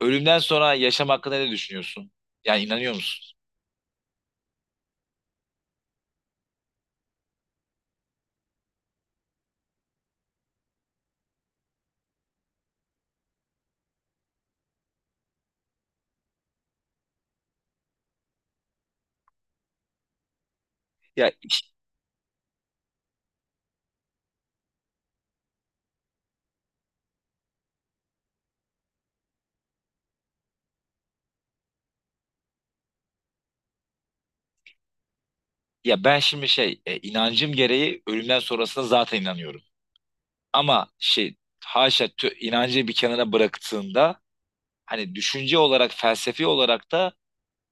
Ölümden sonra yaşam hakkında ne düşünüyorsun? Yani inanıyor musun? Ya ya, ben şimdi inancım gereği ölümden sonrasına zaten inanıyorum. Ama şey, haşa inancı bir kenara bıraktığında hani düşünce olarak, felsefi olarak da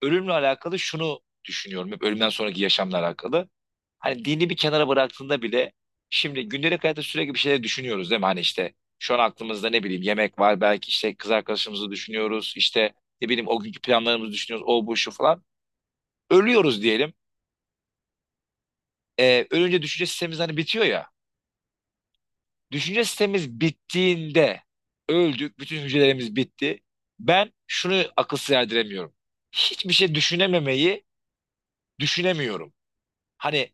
ölümle alakalı şunu düşünüyorum. Hep ölümden sonraki yaşamla alakalı. Hani dini bir kenara bıraktığında bile şimdi gündelik hayatta sürekli bir şeyler düşünüyoruz değil mi? Hani işte şu an aklımızda ne bileyim yemek var, belki işte kız arkadaşımızı düşünüyoruz, işte ne bileyim o günkü planlarımızı düşünüyoruz, o bu şu falan. Ölüyoruz diyelim. Ölünce düşünce sistemimiz hani bitiyor ya. Düşünce sistemimiz bittiğinde öldük, bütün hücrelerimiz bitti. Ben şunu akıl erdiremiyorum. Hiçbir şey düşünememeyi düşünemiyorum. Hani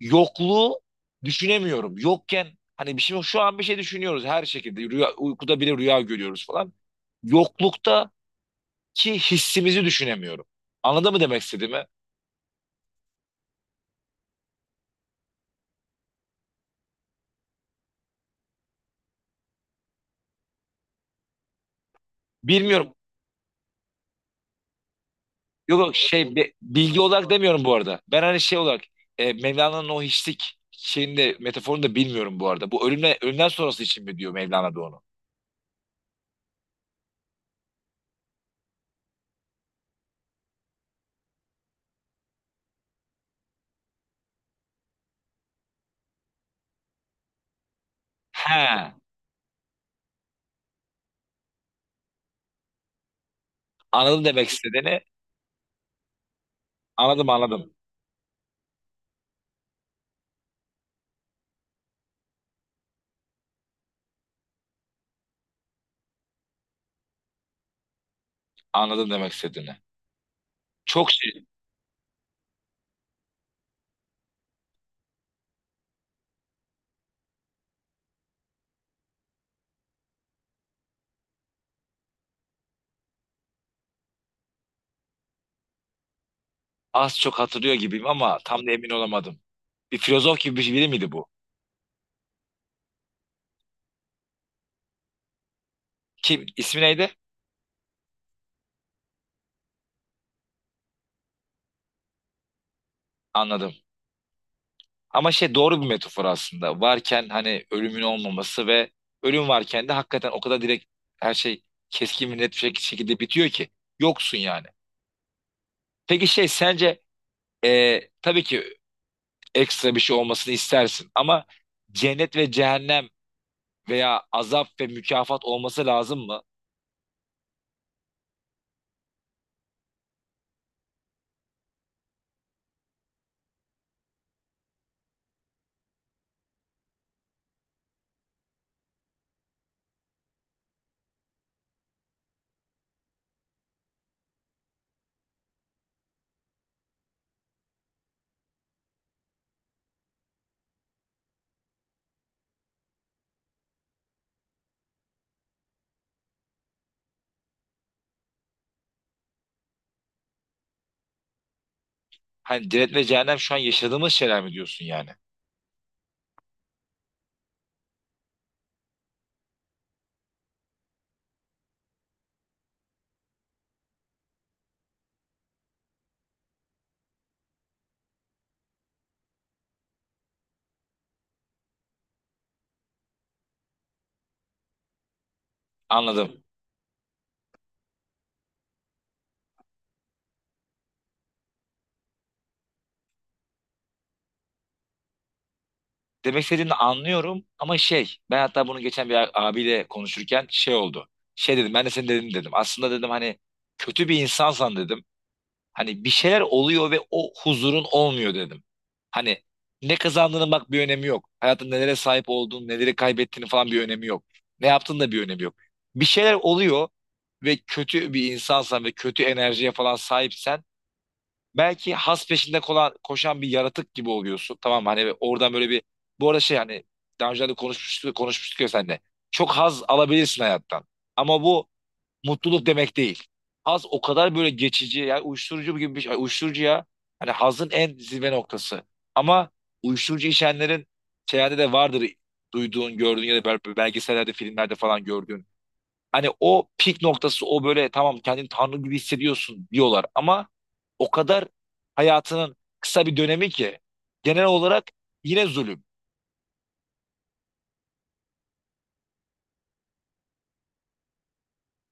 yokluğu düşünemiyorum. Yokken hani bir şey yok. Şu an bir şey düşünüyoruz her şekilde. Rüya, uykuda bile rüya görüyoruz falan. Yokluktaki hissimizi düşünemiyorum. Anladın mı demek istediğimi? Bilmiyorum. Yok yok, bilgi olarak demiyorum bu arada. Ben hani şey olarak, Mevlana'nın o hiçlik şeyinde metaforunu da bilmiyorum bu arada. Bu ölümle, ölümden sonrası için mi diyor Mevlana da onu? He. Anladım demek istediğini. Anladım, anladım. Anladım demek istediğini. Çok şey, az çok hatırlıyor gibiyim ama tam da emin olamadım. Bir filozof gibi biri miydi bu? Kim? İsmi neydi? Anladım. Ama şey, doğru bir metafor aslında. Varken hani ölümün olmaması, ve ölüm varken de hakikaten o kadar direkt her şey keskin ve net bir şekilde bitiyor ki. Yoksun yani. Peki şey, sence tabii ki ekstra bir şey olmasını istersin, ama cennet ve cehennem veya azap ve mükafat olması lazım mı? Hani cennet ve cehennem şu an yaşadığımız şeyler mi diyorsun yani? Anladım. Demek istediğini anlıyorum, ama şey, ben hatta bunu geçen abiyle konuşurken şey oldu. Şey dedim, ben de senin dediğini dedim. Aslında dedim hani kötü bir insansan dedim. Hani bir şeyler oluyor ve o huzurun olmuyor dedim. Hani ne kazandığının bak bir önemi yok. Hayatın nelere sahip olduğun, neleri kaybettiğini falan bir önemi yok. Ne yaptığın da bir önemi yok. Bir şeyler oluyor ve kötü bir insansan ve kötü enerjiye falan sahipsen, belki has peşinde kolan, koşan bir yaratık gibi oluyorsun. Tamam mı? Hani oradan böyle bir, bu arada şey hani daha önce de konuşmuştuk ya seninle. Çok haz alabilirsin hayattan. Ama bu mutluluk demek değil. Haz o kadar böyle geçici, yani uyuşturucu gibi bir şey. Uyuşturucu ya. Hani hazın en zirve noktası. Ama uyuşturucu içenlerin şeylerde de vardır, duyduğun, gördüğün ya da belgesellerde, filmlerde falan gördüğün. Hani o pik noktası, o böyle tamam kendini tanrı gibi hissediyorsun diyorlar ama o kadar hayatının kısa bir dönemi ki genel olarak yine zulüm.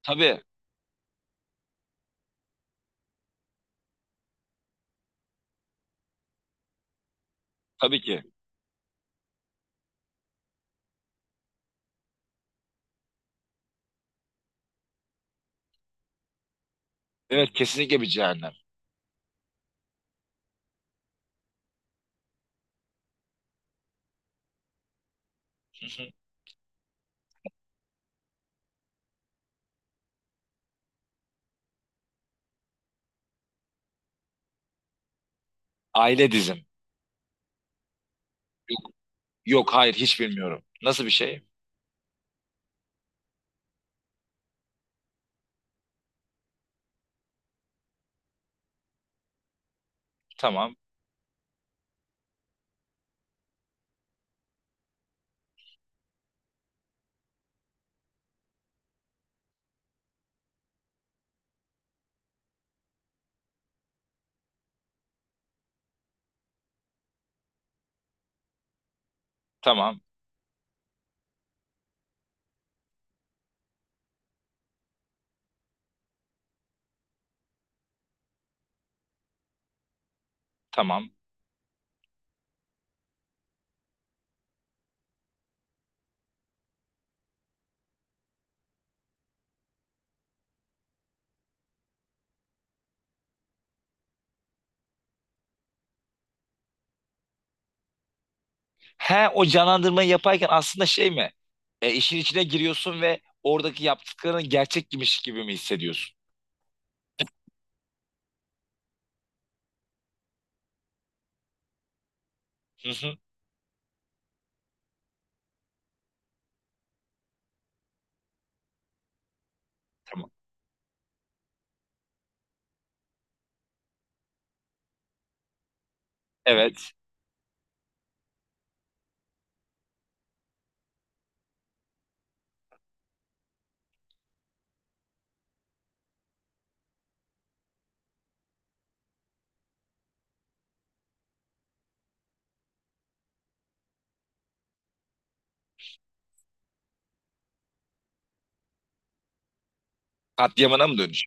Tabii, tabii ki. Evet, kesinlikle bir cehennem. Hı hı. Aile dizim. Yok, hayır, hiç bilmiyorum. Nasıl bir şey? Tamam, tamam, tamam. He, o canlandırmayı yaparken aslında şey mi? E, işin içine giriyorsun ve oradaki yaptıkların gerçekmiş gibi mi hissediyorsun? Hı hı. Tamam. Evet. Katliamına mı dönüş?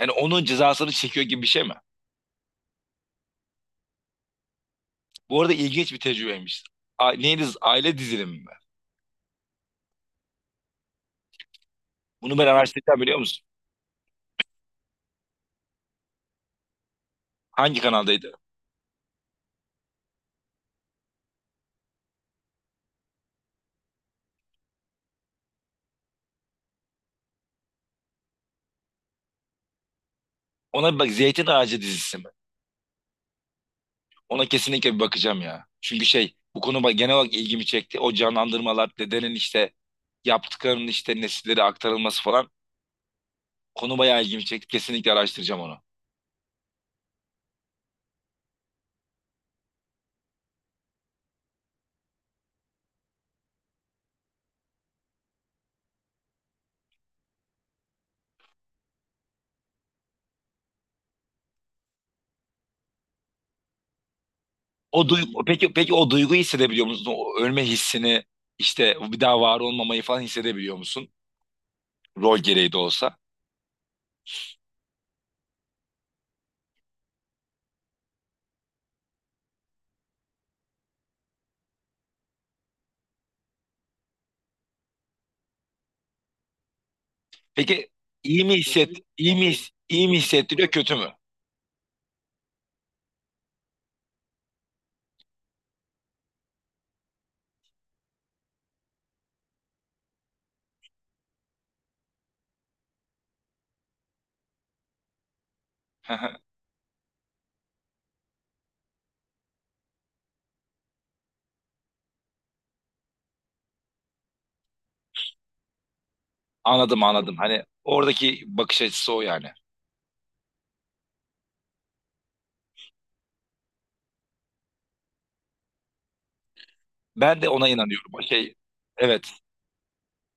Yani onun cezasını çekiyor gibi bir şey mi? Bu arada ilginç bir tecrübeymiş. A, neydi? Aile dizilimi mi? Bunu ben araştıracağım, biliyor musun? Hangi kanaldaydı? Ona bir bak, Zeytin Ağacı dizisi mi? Ona kesinlikle bir bakacağım ya. Çünkü şey, bu konu genel olarak ilgimi çekti. O canlandırmalar, dedenin işte yaptıklarının işte nesillere aktarılması falan, konu bayağı ilgimi çekti. Kesinlikle araştıracağım onu. O duygu, peki, o duyguyu hissedebiliyor musun? O ölme hissini, işte bir daha var olmamayı falan hissedebiliyor musun? Rol gereği de olsa. Peki iyi mi hisset, iyi mi, iyi mi hissettiriyor, kötü mü? Anladım, anladım. Hani oradaki bakış açısı o yani. Ben de ona inanıyorum. O şey, evet.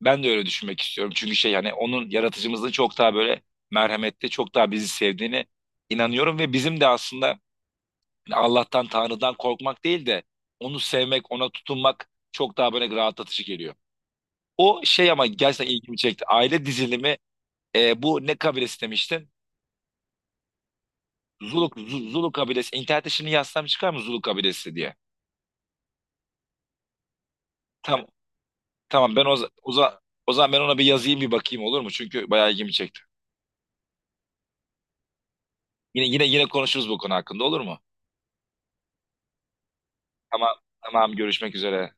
Ben de öyle düşünmek istiyorum. Çünkü şey, yani onun, yaratıcımızın çok daha böyle merhametli, çok daha bizi sevdiğini inanıyorum ve bizim de aslında yani Allah'tan, Tanrı'dan korkmak değil de onu sevmek, ona tutunmak çok daha böyle rahatlatıcı geliyor. O şey, ama gerçekten ilgimi çekti. Aile dizilimi, bu ne kabilesi demiştin? Zulu, Zulu kabilesi. İnternette şimdi yazsam çıkar mı Zulu kabilesi diye? Tamam, tamam, ben o zaman ben ona bir yazayım, bir bakayım, olur mu? Çünkü bayağı ilgimi çekti. Yine konuşuruz bu konu hakkında, olur mu? Tamam, tamam, görüşmek üzere.